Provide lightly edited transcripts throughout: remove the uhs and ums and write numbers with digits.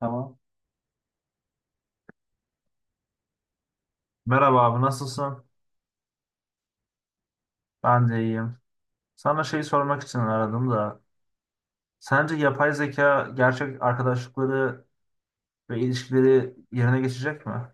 Tamam. Merhaba abi nasılsın? Ben de iyiyim. Sana şey sormak için aradım da. Sence yapay zeka gerçek arkadaşlıkları ve ilişkileri yerine geçecek mi?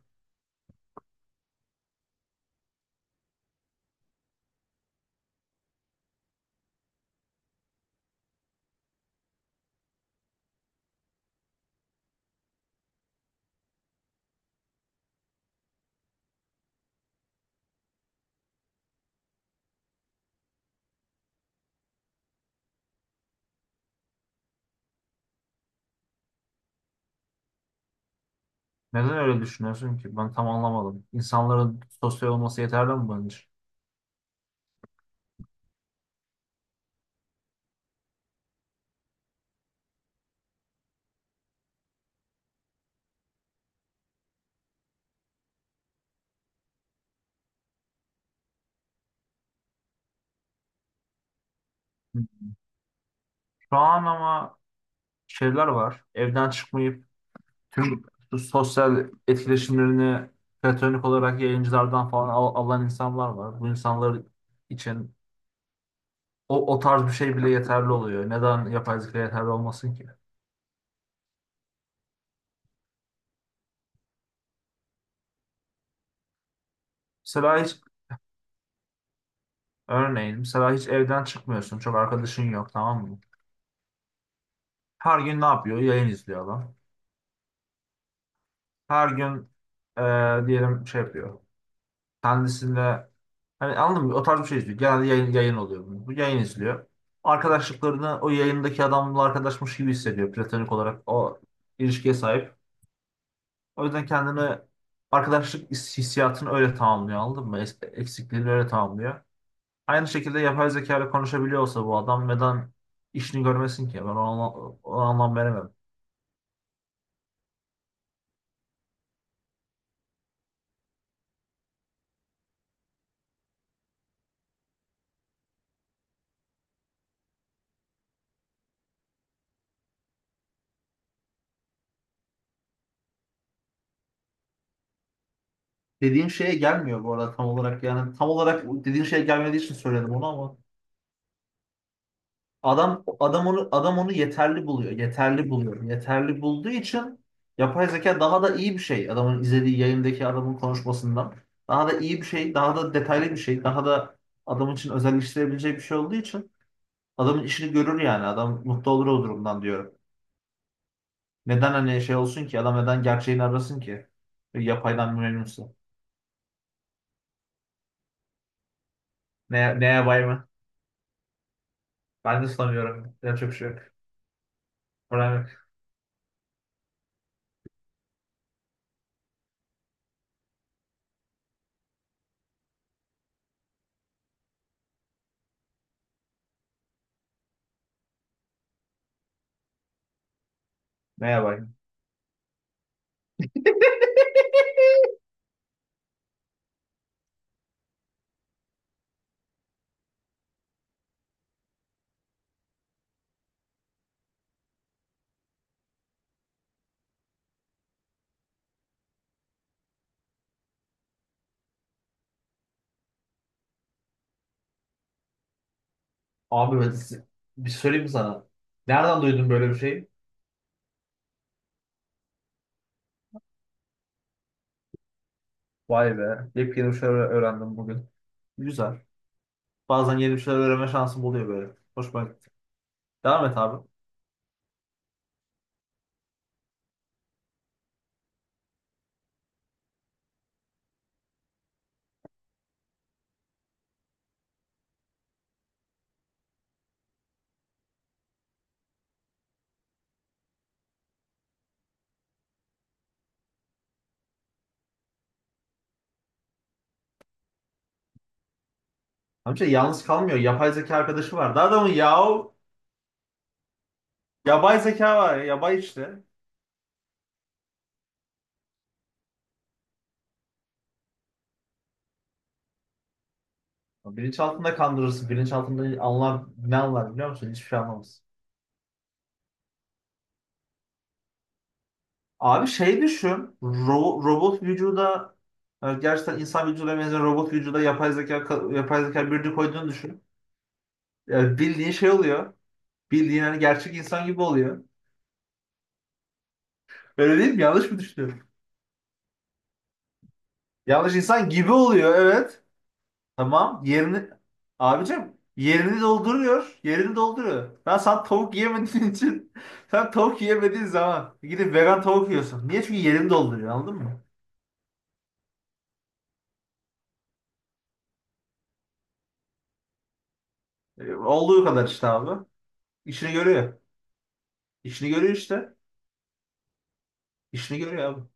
Neden öyle düşünüyorsun ki? Ben tam anlamadım. İnsanların sosyal olması yeterli mi bunun için? Şu an ama şeyler var. Evden çıkmayıp tüm bu sosyal etkileşimlerini platonik olarak yayıncılardan falan alan insanlar var. Bu insanlar için O tarz bir şey bile yeterli oluyor. Neden yapay zeka yeterli olmasın ki? Mesela hiç örneğin mesela hiç evden çıkmıyorsun. Çok arkadaşın yok, tamam mı? Her gün ne yapıyor? Yayın izliyor adam. Her gün diyelim şey yapıyor. Kendisinde hani anladın mı? O tarz bir şey izliyor. Genelde yayın oluyor bunun. Bu yayın izliyor. Arkadaşlıklarını o yayındaki adamla arkadaşmış gibi hissediyor. Platonik olarak o ilişkiye sahip. O yüzden kendini arkadaşlık hissiyatını öyle tamamlıyor, anladın mı? Eksikliğini öyle tamamlıyor. Aynı şekilde yapay zeka ile konuşabiliyor olsa bu adam neden işini görmesin ki? O anlam veremem. Dediğin şeye gelmiyor bu arada tam olarak, yani tam olarak dediğin şeye gelmediği için söyledim onu ama adam onu yeterli buluyor. Yeterli buluyor. Yeterli bulduğu için yapay zeka daha da iyi bir şey. Adamın izlediği yayındaki adamın konuşmasından daha da iyi bir şey, daha da detaylı bir şey, daha da adam için özelleştirebileceği bir şey olduğu için adamın işini görür yani. Adam mutlu olur o durumdan diyorum. Neden hani şey olsun ki? Adam neden gerçeğini arasın ki? Yapaydan memnunsa. Ne yapay mı? Ben de sanıyorum. Yapacak bir şey yok. Problem yok. Ne yapay? Abi ben size- Bir söyleyeyim mi sana. Nereden duydun böyle bir şey? Vay be. Yepyeni bir şeyler öğrendim bugün. Güzel. Bazen yeni bir şeyler öğrenme şansım oluyor böyle. Hoşuma gitti. Devam et abi. Amca yalnız kalmıyor. Yapay zeka arkadaşı var. Daha adamın yahu yapay zeka var ya. Yabay işte. Bilinçaltında kandırırsın. Bilinçaltında anlar, ne anlar biliyor musun? Hiçbir şey anlamaz. Abi şey düşün. Robot vücuda gerçekten insan vücuduna benzer robot vücuda yapay zeka birini koyduğunu düşün. E, bildiğin şey oluyor. Bildiğin hani gerçek insan gibi oluyor. Öyle değil mi? Yanlış mı düşünüyorum? Yanlış insan gibi oluyor, evet. Tamam. Abicim yerini dolduruyor. Yerini dolduruyor. Sen tavuk yiyemediğin için sen tavuk yiyemediğin zaman gidip vegan tavuk yiyorsun. Niye? Çünkü yerini dolduruyor, anladın mı? E, olduğu kadar işte abi. İşini görüyor. İşini görüyor işte. İşini görüyor abi.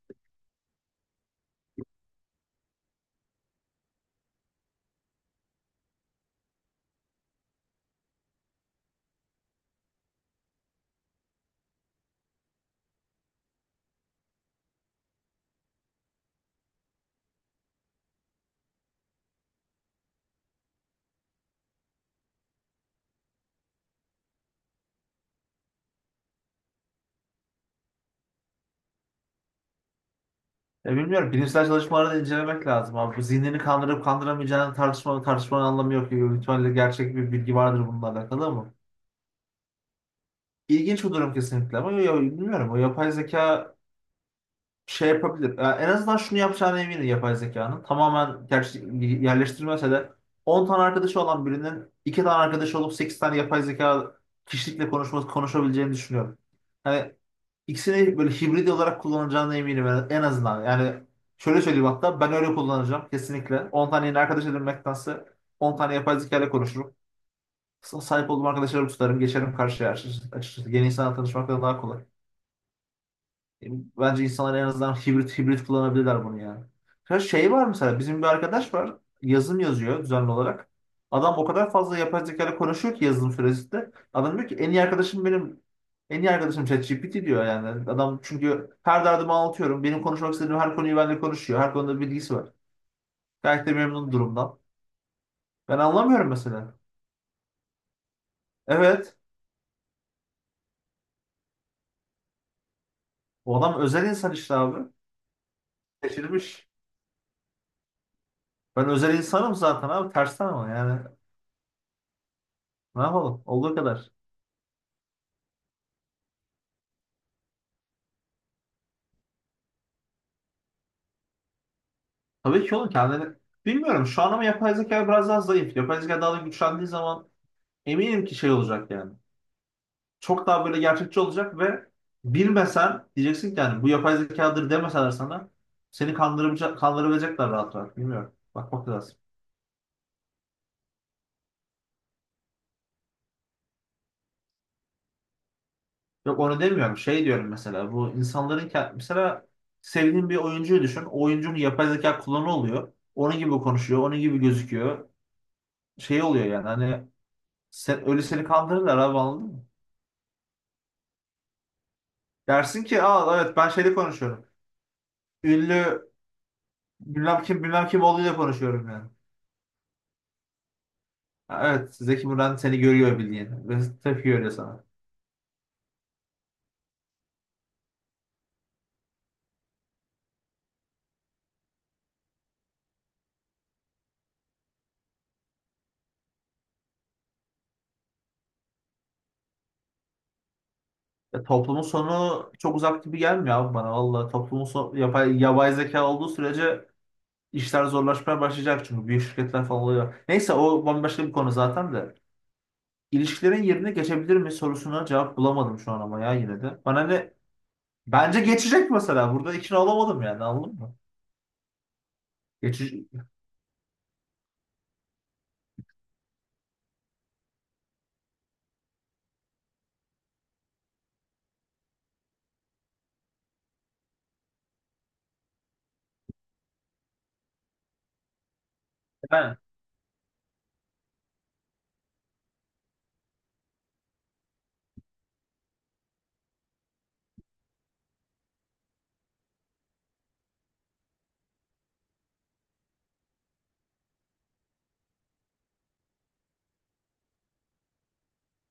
Ya bilmiyorum. Bilimsel çalışmaları da incelemek lazım abi. Bu zihnini kandırıp kandıramayacağını tartışmanın anlamı yok. Gibi. Büyük ihtimalle gerçek bir bilgi vardır bununla alakalı ama. İlginç bir durum kesinlikle ama ya, bilmiyorum. O yapay zeka şey yapabilir. Ya en azından şunu yapacağına eminim yapay zekanın. Tamamen gerçek, yerleştirmese de 10 tane arkadaşı olan birinin 2 tane arkadaşı olup 8 tane yapay zeka kişilikle konuşabileceğini düşünüyorum. Hani İkisini böyle hibrit olarak kullanacağına eminim en azından. Yani şöyle söyleyeyim, hatta ben öyle kullanacağım kesinlikle. 10 tane yeni arkadaş edinmektense 10 tane yapay zeka ile konuşurum. Sahip olduğum arkadaşlarımı tutarım, geçerim karşıya açıkçası. Açıkçası yeni insanla tanışmaktan daha kolay. Bence insanlar en azından hibrit kullanabilirler bunu yani. Ya şey var mesela bizim bir arkadaş var, yazım yazıyor düzenli olarak. Adam o kadar fazla yapay zekayla konuşuyor ki yazılım süresinde. Adam diyor ki en iyi arkadaşım benim, en iyi arkadaşım ChatGPT diyor yani. Adam çünkü her derdimi anlatıyorum. Benim konuşmak istediğim her konuyu benimle konuşuyor. Her konuda bilgisi var. Gayet de memnun durumdan. Ben anlamıyorum mesela. Evet. O adam özel insan işte abi. Seçilmiş. Ben özel insanım zaten abi. Tersten ama yani. Ne yapalım? Olduğu kadar. Tabii ki oğlum kendini bilmiyorum şu an ama yapay zeka biraz daha zayıf. Yapay zeka daha da güçlendiği zaman eminim ki şey olacak yani. Çok daha böyle gerçekçi olacak ve bilmesen diyeceksin ki yani bu yapay zekadır demeseler sana seni kandırabilecekler rahat rahat. Bilmiyorum. Bakmak lazım. Yok onu demiyorum. Şey diyorum mesela bu insanların mesela sevdiğin bir oyuncuyu düşün. O oyuncunun yapay zeka kullanı oluyor. Onun gibi konuşuyor. Onun gibi gözüküyor. Şey oluyor yani hani sen, öyle seni kandırırlar abi, anladın mı? Dersin ki aa evet ben şeyle konuşuyorum. Ünlü bilmem kim bilmem kim olduğuyla konuşuyorum yani. Ha, evet Zeki Müren seni görüyor bildiğin ve tepki görüyor sana. Ya, toplumun sonu çok uzak gibi gelmiyor abi bana valla. Toplumun sonu yapay zeka olduğu sürece işler zorlaşmaya başlayacak çünkü büyük şirketler falan oluyor. Neyse o bambaşka bir konu zaten de. İlişkilerin yerine geçebilir mi sorusuna cevap bulamadım şu an ama ya yine de. Bana ne, bence geçecek mesela, burada ikna olamadım yani, anladın mı? Geçecek. Yani,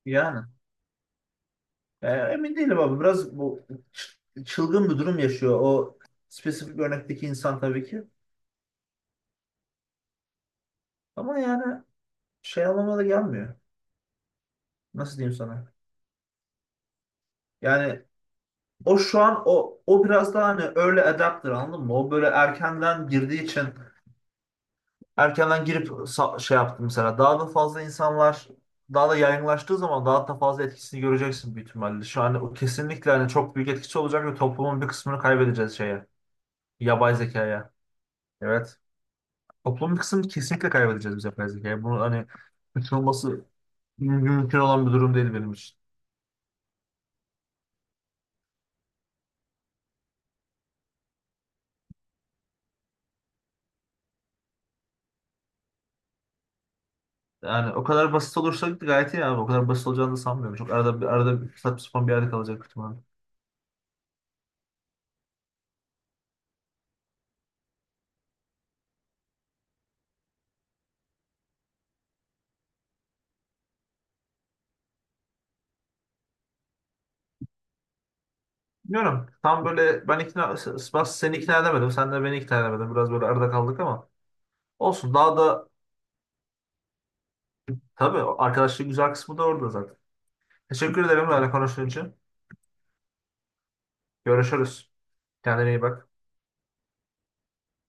yani. E, emin değilim abi. Biraz bu çılgın bir durum yaşıyor. O spesifik örnekteki insan tabii ki. Ama yani şey anlamına da gelmiyor. Nasıl diyeyim sana? Yani o şu an o biraz daha hani early adapter, anladın mı? O böyle erkenden girdiği için erkenden girip şey yaptı mesela. Daha da fazla insanlar daha da yaygınlaştığı zaman daha da fazla etkisini göreceksin büyük ihtimalle. Şu an o kesinlikle hani çok büyük etkisi olacak ve toplumun bir kısmını kaybedeceğiz şeye. Yapay zekaya. Evet. Toplumun bir kısmını kesinlikle kaybedeceğiz biz yapay zekaya. Bunu hani kaçınılması mümkün olan bir durum değil benim için. Yani o kadar basit olursa gayet iyi abi. O kadar basit olacağını da sanmıyorum. Çok arada bir saçma sapan bir yerde kalacak ihtimalle. Bilmiyorum. Tam böyle ben ikna, Ben seni ikna edemedim. Sen de beni ikna edemedin. Biraz böyle arada kaldık ama olsun. Daha da tabii arkadaşlık güzel kısmı da orada zaten. Teşekkür ederim benimle konuştuğun için. Görüşürüz. Kendine iyi bak.